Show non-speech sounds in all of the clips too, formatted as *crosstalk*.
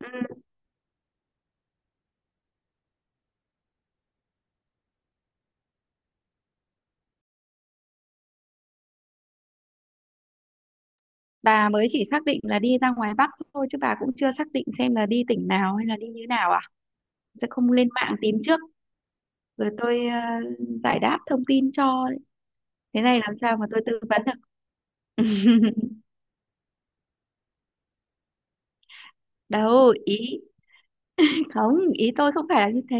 Ừ, bà mới chỉ xác định là đi ra ngoài Bắc thôi chứ bà cũng chưa xác định xem là đi tỉnh nào hay là đi như nào à sẽ không lên mạng tìm trước rồi tôi giải đáp thông tin cho thế này làm sao mà tôi tư vấn được. *laughs* Đâu ý, không ý tôi không phải là như thế,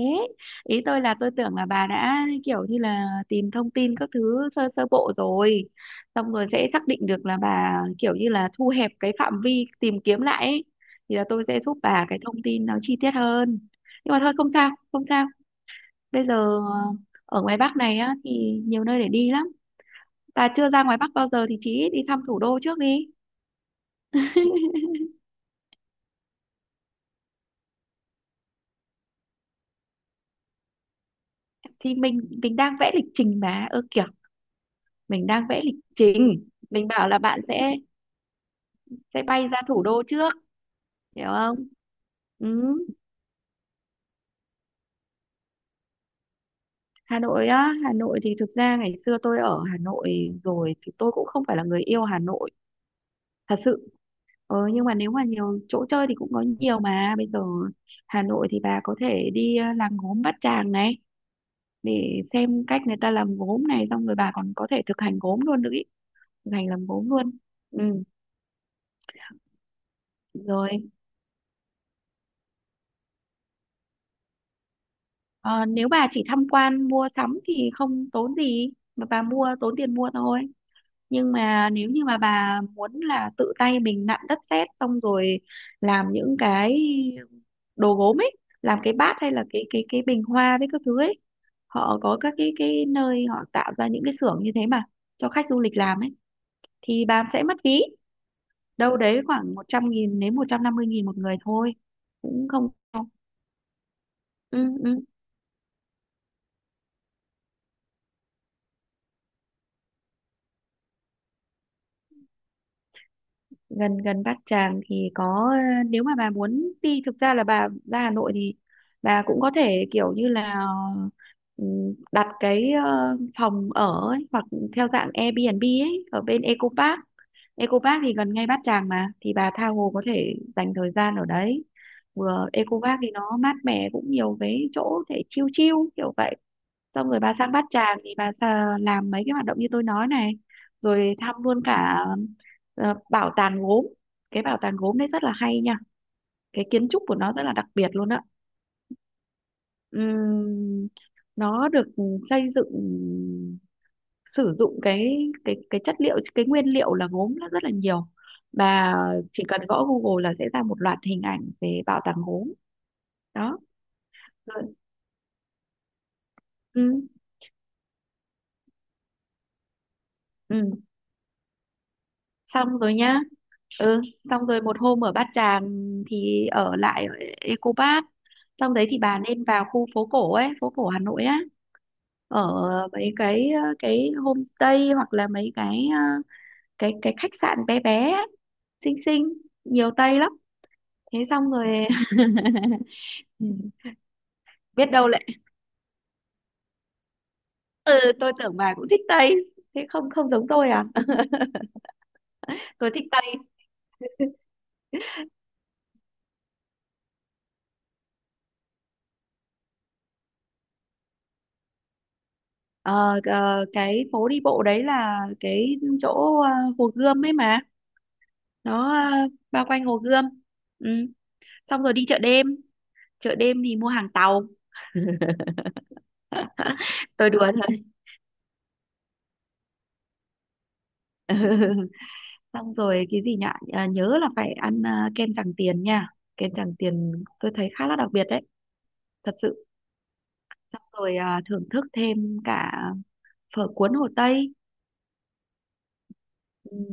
ý tôi là tôi tưởng là bà đã kiểu như là tìm thông tin các thứ sơ sơ bộ rồi xong rồi sẽ xác định được là bà kiểu như là thu hẹp cái phạm vi tìm kiếm lại ấy. Thì là tôi sẽ giúp bà cái thông tin nó chi tiết hơn, nhưng mà thôi không sao không sao. Bây giờ ờ, ở ngoài Bắc này á thì nhiều nơi để đi lắm, bà chưa ra ngoài Bắc bao giờ thì chí ít đi thăm thủ đô trước đi. Thì mình đang vẽ lịch trình mà, ơ kiểu mình đang vẽ lịch trình, mình bảo là bạn sẽ bay ra thủ đô trước, hiểu không. Ừ. Hà Nội á, Hà Nội thì thực ra ngày xưa tôi ở Hà Nội rồi thì tôi cũng không phải là người yêu Hà Nội thật sự. Ừ, nhưng mà nếu mà nhiều chỗ chơi thì cũng có nhiều mà, bây giờ Hà Nội thì bà có thể đi làng gốm Bát Tràng này, để xem cách người ta làm gốm này, xong rồi bà còn có thể thực hành gốm luôn nữa ý. Thực hành làm gốm luôn. Ừ. Rồi ờ, nếu bà chỉ tham quan mua sắm thì không tốn gì, mà bà mua tốn tiền mua thôi, nhưng mà nếu như mà bà muốn là tự tay mình nặn đất sét xong rồi làm những cái đồ gốm ấy, làm cái bát hay là cái bình hoa với các thứ ấy, họ có các cái nơi họ tạo ra những cái xưởng như thế mà cho khách du lịch làm ấy, thì bà sẽ mất phí đâu đấy khoảng 100.000 đến 150.000 một người thôi, cũng không. Ừ, ừ. Gần gần Bát Tràng thì có, nếu mà bà muốn đi, thực ra là bà ra Hà Nội thì bà cũng có thể kiểu như là, ừ, đặt cái phòng ở ấy, hoặc theo dạng Airbnb ấy, ở bên Eco Park. Eco Park thì gần ngay Bát Tràng mà, thì bà tha hồ có thể dành thời gian ở đấy, vừa Eco Park thì nó mát mẻ, cũng nhiều cái chỗ để chill chill kiểu vậy. Xong rồi bà sang Bát Tràng thì bà làm mấy cái hoạt động như tôi nói này, rồi thăm luôn cả bảo tàng gốm. Cái bảo tàng gốm đấy rất là hay nha, cái kiến trúc của nó rất là đặc biệt luôn á. Ừm, nó được xây dựng sử dụng cái cái chất liệu, cái nguyên liệu là gốm nó rất là nhiều, bà chỉ cần gõ Google là sẽ ra một loạt hình ảnh về bảo tàng gốm. Đó rồi. Ừ, ừ. Xong rồi nhá. Ừ, xong rồi một hôm ở Bát Tràng thì ở lại ở Eco Park, xong đấy thì bà nên vào khu phố cổ ấy, phố cổ Hà Nội á, ở mấy cái cái homestay, hoặc là mấy cái cái khách sạn bé bé á, xinh xinh, nhiều Tây lắm, thế xong rồi. *laughs* Ừ, biết đâu lại, ừ, tôi tưởng bà cũng thích Tây, thế không không giống tôi à. *laughs* Tôi thích Tây. Ờ, ờ, cái phố đi bộ đấy là cái chỗ Hồ Gươm ấy mà, nó bao quanh Hồ Gươm. Ừ. Xong rồi đi chợ đêm, chợ đêm thì mua hàng tàu. *laughs* Tôi đùa thôi. *laughs* Xong rồi cái gì nhỉ, à, nhớ là phải ăn à, kem Tràng Tiền nha. Kem Tràng Tiền tôi thấy khá là đặc biệt đấy, thật sự. Xong rồi à, thưởng thức thêm cả phở cuốn Hồ Tây. Ừ,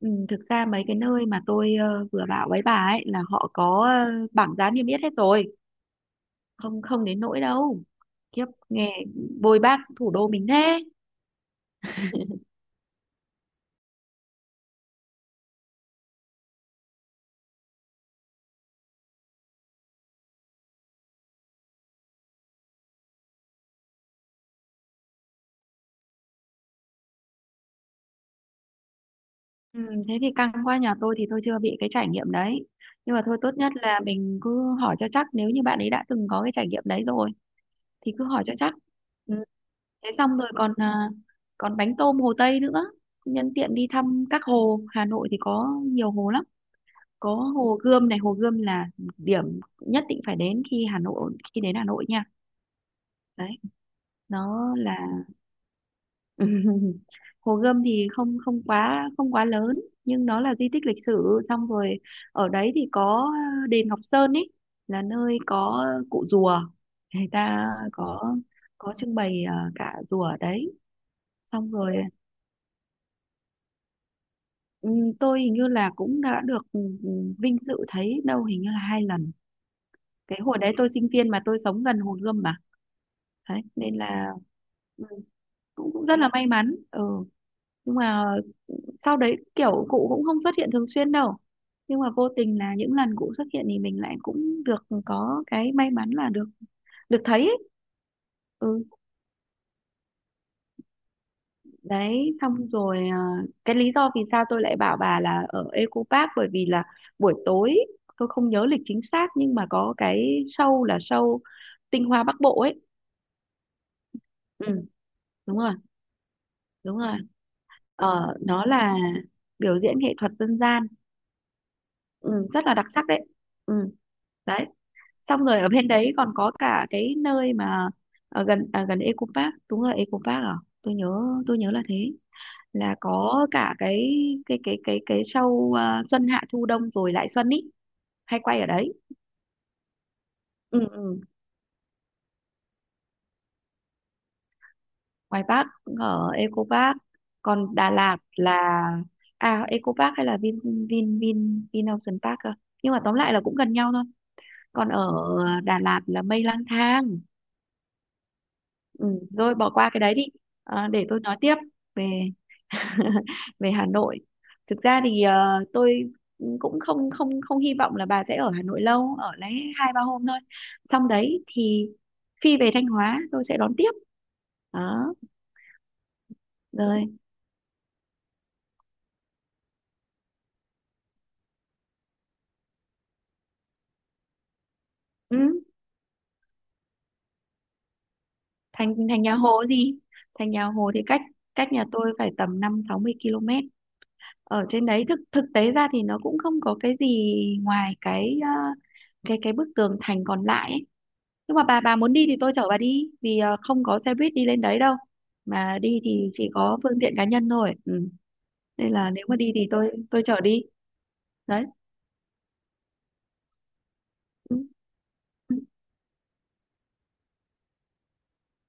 ừ, thực ra mấy cái nơi mà tôi vừa bảo với bà ấy là họ có bảng giá niêm yết hết rồi, không không đến nỗi đâu, kiếp nghe bôi bác thủ đô mình thế. Ừ, thế thì căng quá, nhà tôi thì tôi chưa bị cái trải nghiệm đấy, nhưng mà thôi tốt nhất là mình cứ hỏi cho chắc, nếu như bạn ấy đã từng có cái trải nghiệm đấy rồi thì cứ hỏi cho chắc. Ừ. Thế xong rồi còn à, còn bánh tôm Hồ Tây nữa, nhân tiện đi thăm các hồ Hà Nội thì có nhiều hồ lắm, có hồ Gươm này, hồ Gươm là điểm nhất định phải đến khi Hà Nội, khi đến Hà Nội nha, đấy nó là. *laughs* Hồ Gươm thì không không quá không quá lớn, nhưng nó là di tích lịch sử, xong rồi ở đấy thì có đền Ngọc Sơn ấy, là nơi có cụ rùa, người ta có trưng bày à, cả rùa ở đấy, xong rồi. Ừm, tôi hình như là cũng đã được vinh dự thấy đâu hình như là 2 lần. Cái hồi đấy tôi sinh viên mà, tôi sống gần Hồ Gươm mà, đấy nên là, ừm, cũng cũng rất là may mắn. Ừ, nhưng mà sau đấy kiểu cụ cũng không xuất hiện thường xuyên đâu, nhưng mà vô tình là những lần cụ xuất hiện thì mình lại cũng được có cái may mắn là được được thấy ấy. Ừ, đấy xong rồi à, cái lý do vì sao tôi lại bảo bà là ở Eco Park bởi vì là buổi tối, tôi không nhớ lịch chính xác nhưng mà có cái show tinh hoa Bắc Bộ ấy. Ừ, đúng rồi. Đúng rồi, ờ nó là biểu diễn nghệ thuật dân gian. Ừ, rất là đặc sắc đấy. Ừ, đấy xong rồi ở bên đấy còn có cả cái nơi mà ở gần à, gần Eco Park, đúng rồi Eco Park, à tôi nhớ, là thế, là có cả cái show à, xuân hạ thu đông rồi lại xuân ý, hay quay ở đấy. Ừ, ừ. Ngoài Park cũng ở Eco Park, còn Đà Lạt là, à Eco Park hay là Vin Vin Vin Vin Ocean Park à? Nhưng mà tóm lại là cũng gần nhau thôi. Còn ở Đà Lạt là Mây Lang Thang. Ừ, rồi bỏ qua cái đấy đi. À, để tôi nói tiếp về *laughs* về Hà Nội. Thực ra thì ờ, tôi cũng không không không hy vọng là bà sẽ ở Hà Nội lâu, ở lấy 2-3 hôm thôi, xong đấy thì phi về Thanh Hóa tôi sẽ đón tiếp. Đó rồi. Ừ. thành thành nhà Hồ gì. Thành nhà Hồ thì cách, cách nhà tôi phải tầm 50-60 km, ở trên đấy thực thực tế ra thì nó cũng không có cái gì, ngoài cái cái bức tường thành còn lại ấy. Nhưng mà bà muốn đi thì tôi chở bà đi, vì không có xe buýt đi lên đấy đâu, mà đi thì chỉ có phương tiện cá nhân thôi. Ừ. Nên là nếu mà đi thì tôi chở đi, đấy. Ừ. Ừ.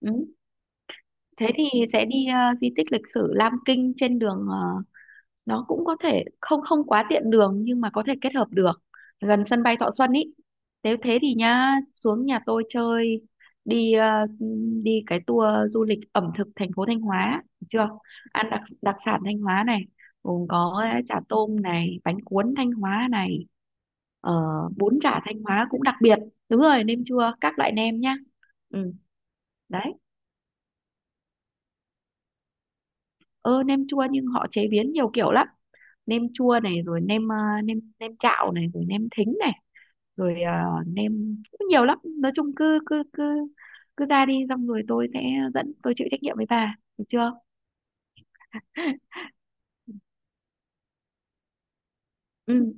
Ừ. Thế thì sẽ đi di tích lịch sử Lam Kinh, trên đường nó cũng có thể không không quá tiện đường nhưng mà có thể kết hợp được, gần sân bay Thọ Xuân ý. Nếu thế thì nhá, xuống nhà tôi chơi, đi đi cái tour du lịch ẩm thực thành phố Thanh Hóa được chưa, ăn đặc đặc sản Thanh Hóa này, gồm có chả tôm này, bánh cuốn Thanh Hóa này, ờ, bún chả Thanh Hóa cũng đặc biệt, đúng rồi, nêm chua các loại nêm nhá. Ừ, đấy. Ơ nem chua nhưng họ chế biến nhiều kiểu lắm, nem chua này, rồi nem nem nem chạo này, rồi nem thính này, rồi ờ, nem cũng nhiều lắm, nói chung cứ cứ cứ cứ ra đi, xong rồi tôi sẽ dẫn, tôi chịu trách nhiệm với bà được chưa. *laughs* Ừ.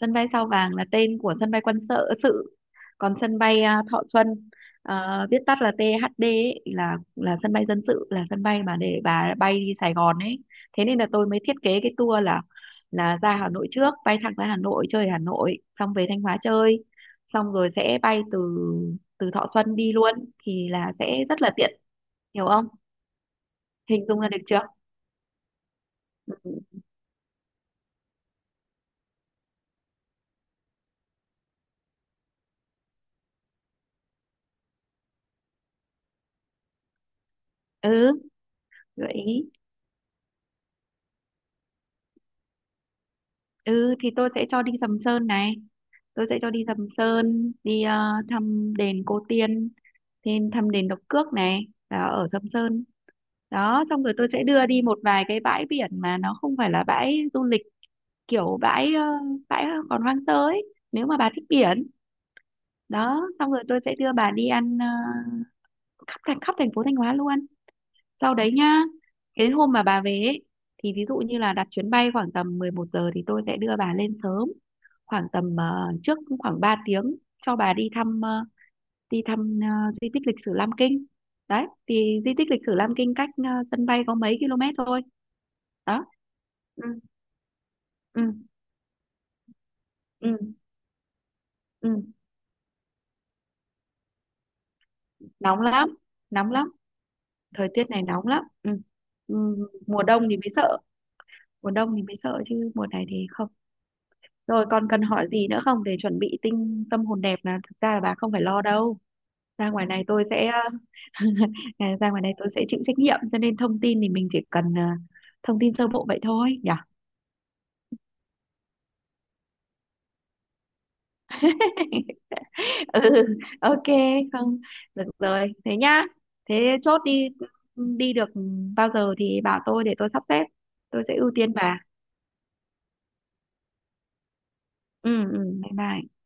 Sân bay Sao Vàng là tên của sân bay quân sự sự, còn sân bay à, Thọ Xuân, à, viết tắt là THD ấy, là sân bay dân sự, là sân bay mà để bà bay đi Sài Gòn ấy. Thế nên là tôi mới thiết kế cái tour là ra Hà Nội trước, bay thẳng ra Hà Nội chơi Hà Nội, xong về Thanh Hóa chơi, xong rồi sẽ bay từ, Thọ Xuân đi luôn thì là sẽ rất là tiện, hiểu không, hình dung ra được chưa. Ừ, gợi ý. Ừ thì tôi sẽ cho đi Sầm Sơn này, tôi sẽ cho đi Sầm Sơn, đi thăm đền Cô Tiên, thêm thăm đền Độc Cước này, là ở Sầm Sơn. Đó, xong rồi tôi sẽ đưa đi một vài cái bãi biển mà nó không phải là bãi du lịch, kiểu bãi bãi còn hoang sơ ấy, nếu mà bà thích biển. Đó, xong rồi tôi sẽ đưa bà đi ăn khắp thành phố Thanh Hóa luôn. Sau đấy nhá, cái hôm mà bà về ấy, thì ví dụ như là đặt chuyến bay khoảng tầm 11 giờ thì tôi sẽ đưa bà lên sớm khoảng tầm trước khoảng 3 tiếng, cho bà đi thăm đi thăm ờ, di tích lịch sử Lam Kinh, đấy thì di tích lịch sử Lam Kinh cách sân bay có mấy km thôi, đó. Ừ, ừ, ừ, ừ. Nóng lắm, nóng lắm, thời tiết này nóng lắm. Ừ. Ừ. Mùa đông thì mới sợ, mùa đông thì mới sợ chứ mùa này thì không. Rồi còn cần hỏi gì nữa không, để chuẩn bị tinh tâm hồn đẹp, là thực ra là bà không phải lo đâu, ra ngoài này tôi sẽ. *laughs* Ờ, à, ra ngoài này tôi sẽ chịu trách nhiệm, cho nên thông tin thì mình chỉ cần thông tin sơ bộ vậy thôi nhỉ. *laughs* Ừ, ok, không, được rồi thế nhá. Thế chốt đi, đi được bao giờ thì bảo tôi để tôi sắp xếp, tôi sẽ ưu tiên bà. Ừ, ừ, bye bye.